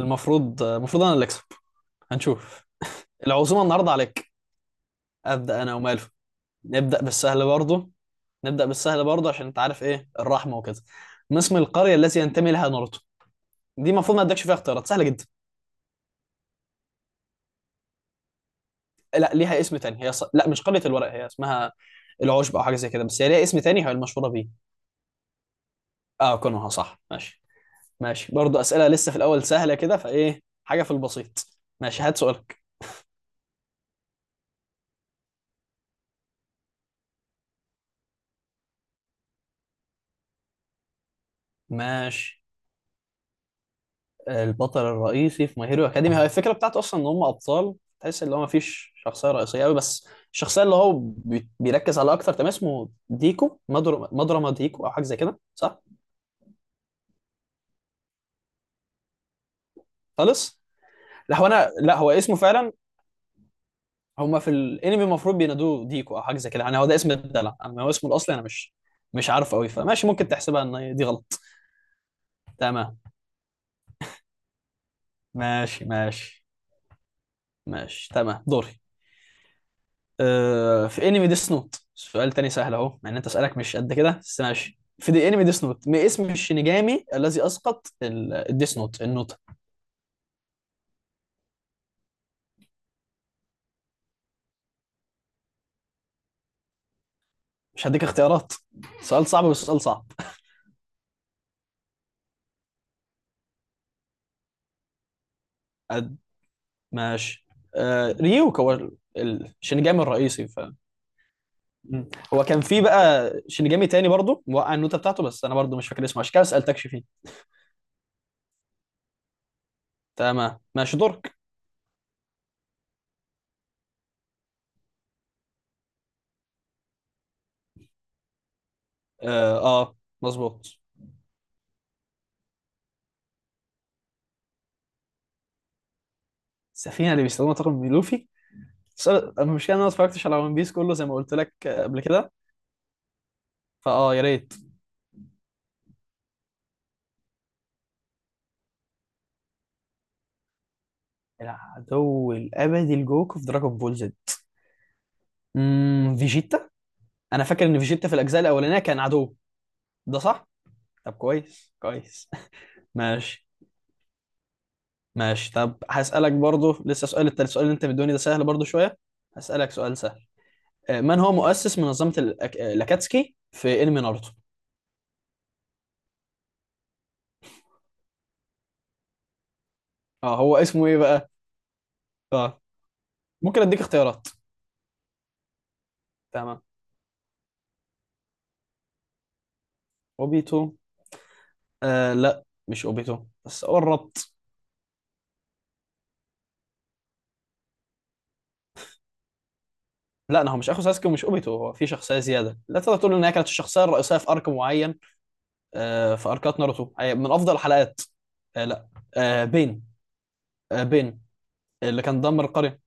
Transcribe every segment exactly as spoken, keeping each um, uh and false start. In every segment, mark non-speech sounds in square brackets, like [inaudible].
المفروض المفروض انا اللي اكسب. هنشوف. العزومه النهارده عليك. ابدا انا وماله. نبدا بالسهل برضه نبدا بالسهل برضه عشان انت عارف ايه الرحمه وكده. ما اسم القريه التي ينتمي لها ناروتو؟ دي المفروض ما ادكش فيها اختيارات، سهله جدا. لا، ليها اسم تاني، هي ص... لا، مش قريه الورق، هي اسمها العشب او حاجه زي كده، بس هي ليها اسم تاني هي المشهوره بيه. اه، كونوها صح، ماشي. ماشي برضه، اسئله لسه في الاول سهله كده، فايه حاجه في البسيط؟ ماشي، هات سؤالك. ماشي، البطل الرئيسي في ماي هيرو اكاديمي، هي الفكره بتاعته اصلا ان هم ابطال، تحس ان هو ما فيش شخصيه رئيسيه قوي، بس الشخصيه اللي هو بي- بيركز عليها اكتر، تمام؟ اسمه ديكو مدر... مدرما ديكو او حاجه زي كده، صح؟ خالص. لا هو انا لا، هو اسمه فعلا. هم في الانمي المفروض بينادوه ديكو او حاجه زي كده، يعني هو ده اسم الدلع، اما هو اسمه الاصلي انا مش مش عارف قوي، فماشي، ممكن تحسبها ان دي غلط. تمام. ماشي ماشي ماشي، تمام، دوري. آه، في انمي ديس نوت، سؤال تاني سهل اهو، مع ان انت اسالك مش قد كده، بس ماشي. في دي انمي ديس نوت، ما اسم الشينيجامي الذي اسقط الديس نوت النوتة؟ مش هديك اختيارات، سؤال صعب، بس سؤال صعب. قد ماشي. آه، ريوك هو ال- الشينيجامي الرئيسي، ف... مم. هو كان في بقى شينيجامي تاني برضو موقع النوتة بتاعته، بس انا برضو مش فاكر اسمه، عشان كده ما سالتكش فيه. تمام، ماشي، دورك. اه, آه مظبوط. السفينة اللي بيستخدمها طاقم لوفي، بس انا المشكله إن انا ما اتفرجتش على ون بيس كله زي ما قلت لك آه، قبل كده. فاه، يا ريت. العدو الابدي لجوكو في دراجون بول زد، امم فيجيتا، انا فاكر ان فيجيتا في الاجزاء الاولانيه كان عدو. ده صح. طب كويس كويس. [laughs] ماشي ماشي. طب هسالك برضو لسه سؤال التالت، السؤال اللي انت مدوني ده سهل برضو شويه. هسالك سؤال سهل. آه، من هو مؤسس منظمه الأك... آه، الاكاتسكي في انمي ناروتو؟ اه هو اسمه ايه بقى؟ اه ممكن اديك اختيارات، تمام. اوبيتو؟ آه لا، مش اوبيتو، بس قرب. لا، انا هو مش اخو ساسكي ومش اوبيتو، هو في شخصيه زياده لا تقدر تقول ان هي كانت الشخصيه الرئيسيه في ارك معين. آه، في اركات ناروتو، أي- من افضل الحلقات. آه، لا. آه، بين آه، بين اللي كان دمر القريه.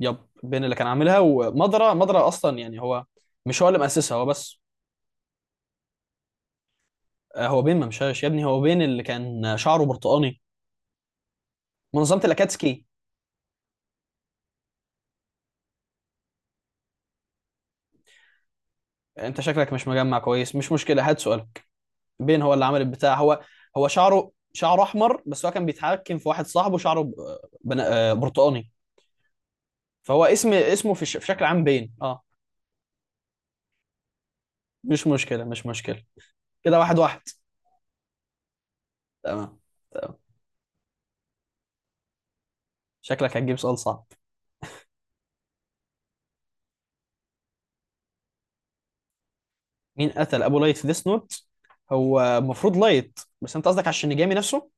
يب. بين اللي كان عاملها، ومضرة، مضرة اصلا يعني هو مش هو اللي مؤسسها، هو بس. آه، هو بين ما مشاش يا ابني، هو بين اللي كان شعره برتقاني. منظمه الاكاتسكي. انت شكلك مش مجمع كويس، مش مشكله، هات سؤالك. بين هو اللي عمل البتاع، هو. هو شعره شعره احمر، بس هو كان بيتحكم في واحد صاحبه شعره ب- آه، بن- آه، برتقاني. فهو اسم اسمه في, الش... في شكل عام بين اه مش مشكلة مش مشكلة. كده واحد واحد. تمام. تمام. شكلك هتجيب سؤال صعب. مين قتل أبو لايت في ديس نوت؟ هو المفروض لايت، بس أنت قصدك على الشينيجامي نفسه.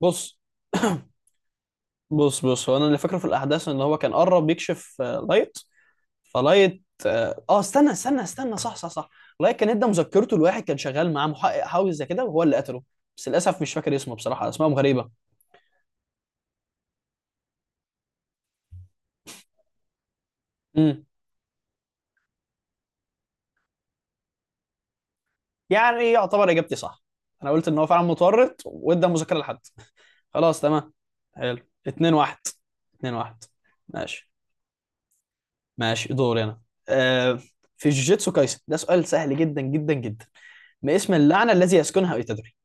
بص. [coughs] [clears throat] بص بص هو أنا اللي فاكره في الأحداث، إن هو كان قرب يكشف آه، لايت، فلايت اه آه، استنى استنى استنى، صح صح صح. لايت كان ادى مذكرته لواحد كان شغال معاه محقق حاوي زي كده، وهو اللي قتله، بس للأسف مش فاكر اسمه، بصراحة أسمائهم غريبة. مم. يعني يعتبر اجابتي صح؟ انا قلت ان هو فعلا متورط وادى مذاكره لحد. خلاص، تمام، حلو. اتنين واحد. اتنين واحد. ماشي ماشي، دوري انا. آه في جوجيتسو كايسن ده سؤال سهل جدا جدا جدا، ما اسم اللعنه الذي يسكنها ايتادوري؟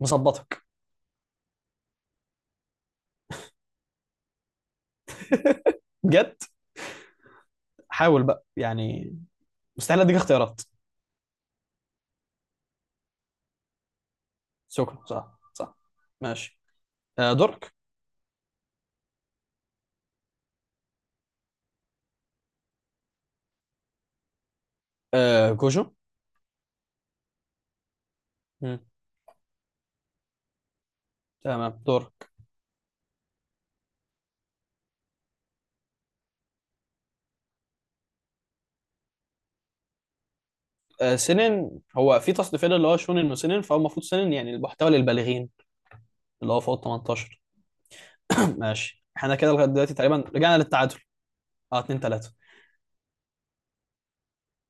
مظبطك بجد، حاول بقى يعني، مستحيل اديك اختيارات. شكرا، صح صح. ماشي. آه دورك. آه كوجو. مم. تمام، دورك. آه سنن هو في تصنيفين، اللي هو شونن وسنن، فهو المفروض سنن يعني المحتوى للبالغين، اللي هو فوق ال تمنتاشر. [coughs] [clears throat] ماشي، احنا كده لغايه دلوقتي تقريبا رجعنا للتعادل. اه اتنين تلاتة.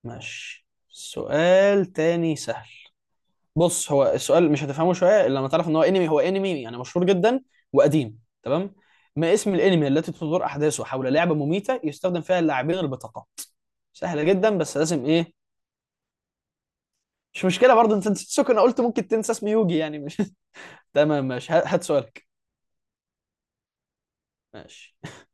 ماشي، سؤال تاني سهل، بص هو السؤال مش هتفهمه شويه الا لما تعرف ان هو انمي هو انمي يعني مشهور جدا وقديم، تمام. ما اسم الانمي التي تدور احداثه حول لعبه مميته يستخدم فيها اللاعبين البطاقه؟ سهله جدا، بس لازم ايه. مش مشكله برضه، انت نسيت سوكو، انا قلت ممكن تنسى اسم يوجي يعني، مش... [laughs] تمام، ماشي، هات هات سؤالك. ماشي. [laughs]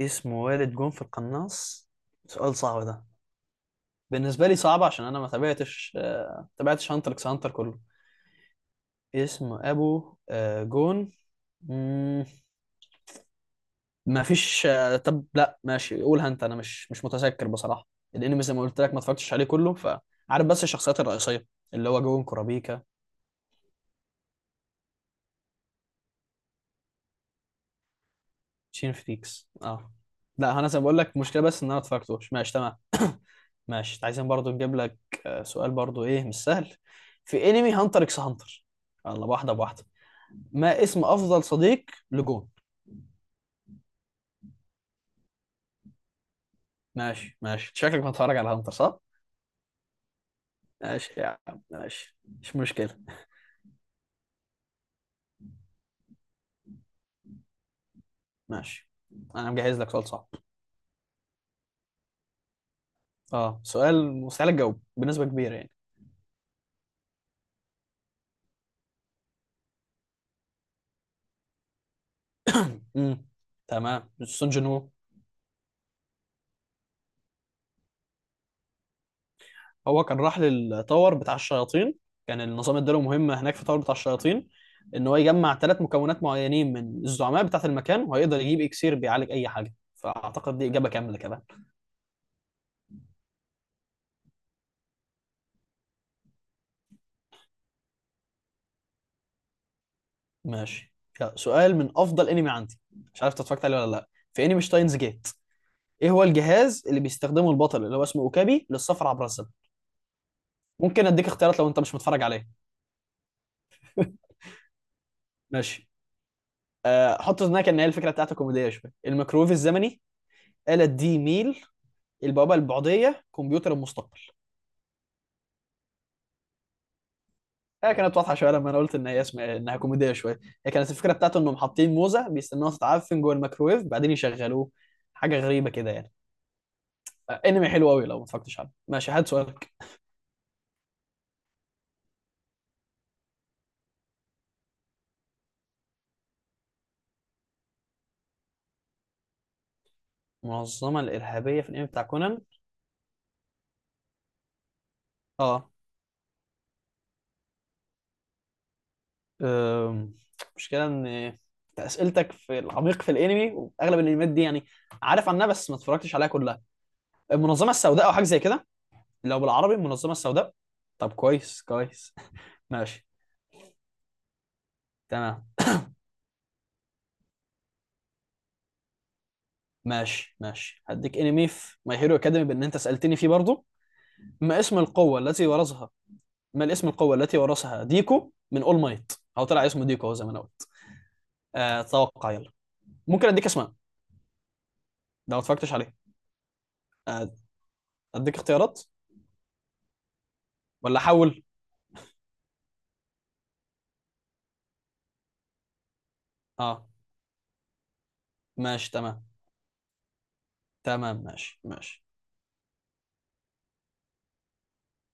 اسم والد جون في القناص. سؤال صعب ده. بالنسبه لي صعب عشان انا ما تابعتش آه، تابعتش هانتر اكس هانتر كله. اسم ابو آه، جون. مم، ما فيش. آه، طب لا، ماشي، قولها انت، انا مش مش متذكر بصراحه. الانمي زي ما قلت لك ما اتفرجتش عليه كله، فعارف بس الشخصيات الرئيسيه اللي هو جون كورابيكا. شين فريكس، اه. لا، انا زي ما بقول لك المشكله بس ان انا ما اتفرجتوش، ماشي، تمام. [coughs] ماشي، عايزين برضو نجيب لك آه، سؤال برضو ايه مش سهل. في انمي هانتر اكس هانتر، يلا، واحده بواحده. ما اسم افضل صديق لجون؟ ماشي ماشي، شكلك بتتفرج على هانتر، صح؟ ماشي يا عم، ماشي، مش مشكلة. ماشي، أنا مجهز لك سؤال صعب. أه سؤال مستحيل أجاوب بنسبة كبيرة يعني. [clears throat] امم تمام، سون جين وو، هو كان راح للتاور بتاع الشياطين، كان النظام اداله مهمة هناك في التاور بتاع الشياطين، إن هو يجمع ثلاث مكونات معينين من الزعماء بتاعة المكان، وهيقدر يجيب إكسير بيعالج أي حاجة، فأعتقد دي إجابة كاملة كمان. ماشي، يلا، سؤال من أفضل أنمي عندي، مش عارف أنت اتفرجت عليه ولا لأ. في أنمي شتاينز جيت، ايه هو الجهاز اللي بيستخدمه البطل اللي هو اسمه اوكابي للسفر عبر الزمن؟ ممكن اديك اختيارات لو انت مش متفرج عليه. [laughs] ماشي. آه حط في ذهنك ان هي الفكره بتاعتها كوميديه شويه. الميكرويف الزمني. آلة دي ميل. البوابه البعديه. كمبيوتر المستقبل. هي كانت واضحه شويه لما انا قلت ان هي اسمها انها كوميديه شويه، هي كانت الفكره بتاعته انهم حاطين موزه بيستنوها تتعفن جوه الميكرويف بعدين يشغلوه، حاجه غريبه كده يعني. آه انمي حلو قوي لو ما اتفرجتش عليه. ماشي، هات سؤالك. منظمه الارهابيه في الانمي بتاع كونان. اه أم، مشكلة ان انت اسئلتك في العميق في الانمي، واغلب الانميات دي يعني عارف عنها بس ما اتفرجتش عليها كلها. المنظمة السوداء او حاجة زي كده. لو بالعربي، المنظمة السوداء. طب كويس كويس. [laughs] ماشي، تمام، ماشي ماشي. هديك انمي في ماي هيرو اكاديمي بان انت سألتني فيه برضو، ما اسم القوة التي ورثها ما الاسم القوة التي ورثها ديكو من اول مايت، او طلع اسمه ديكو هو زي ما انا قلت. آه، اتوقع، يلا. ممكن اديك اسماء لو ما اتفرجتش عليه. آه، اديك اختيارات ولا احول. اه ماشي، تمام. تمام ماشي ماشي.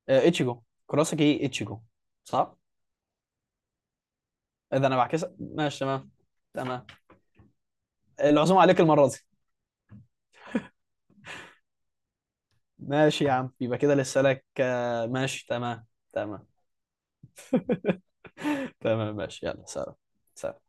آه، اتشيجو، كراسكي اتشيجو، صح. اذا انا بعكس، ماشي، تمام. تمام. العزومه عليك المره دي. ماشي يا عم، يبقى كده لسه لك آه، ماشي، تمام. تمام. [laughs] تمام، ماشي، يلا سلام. سلام.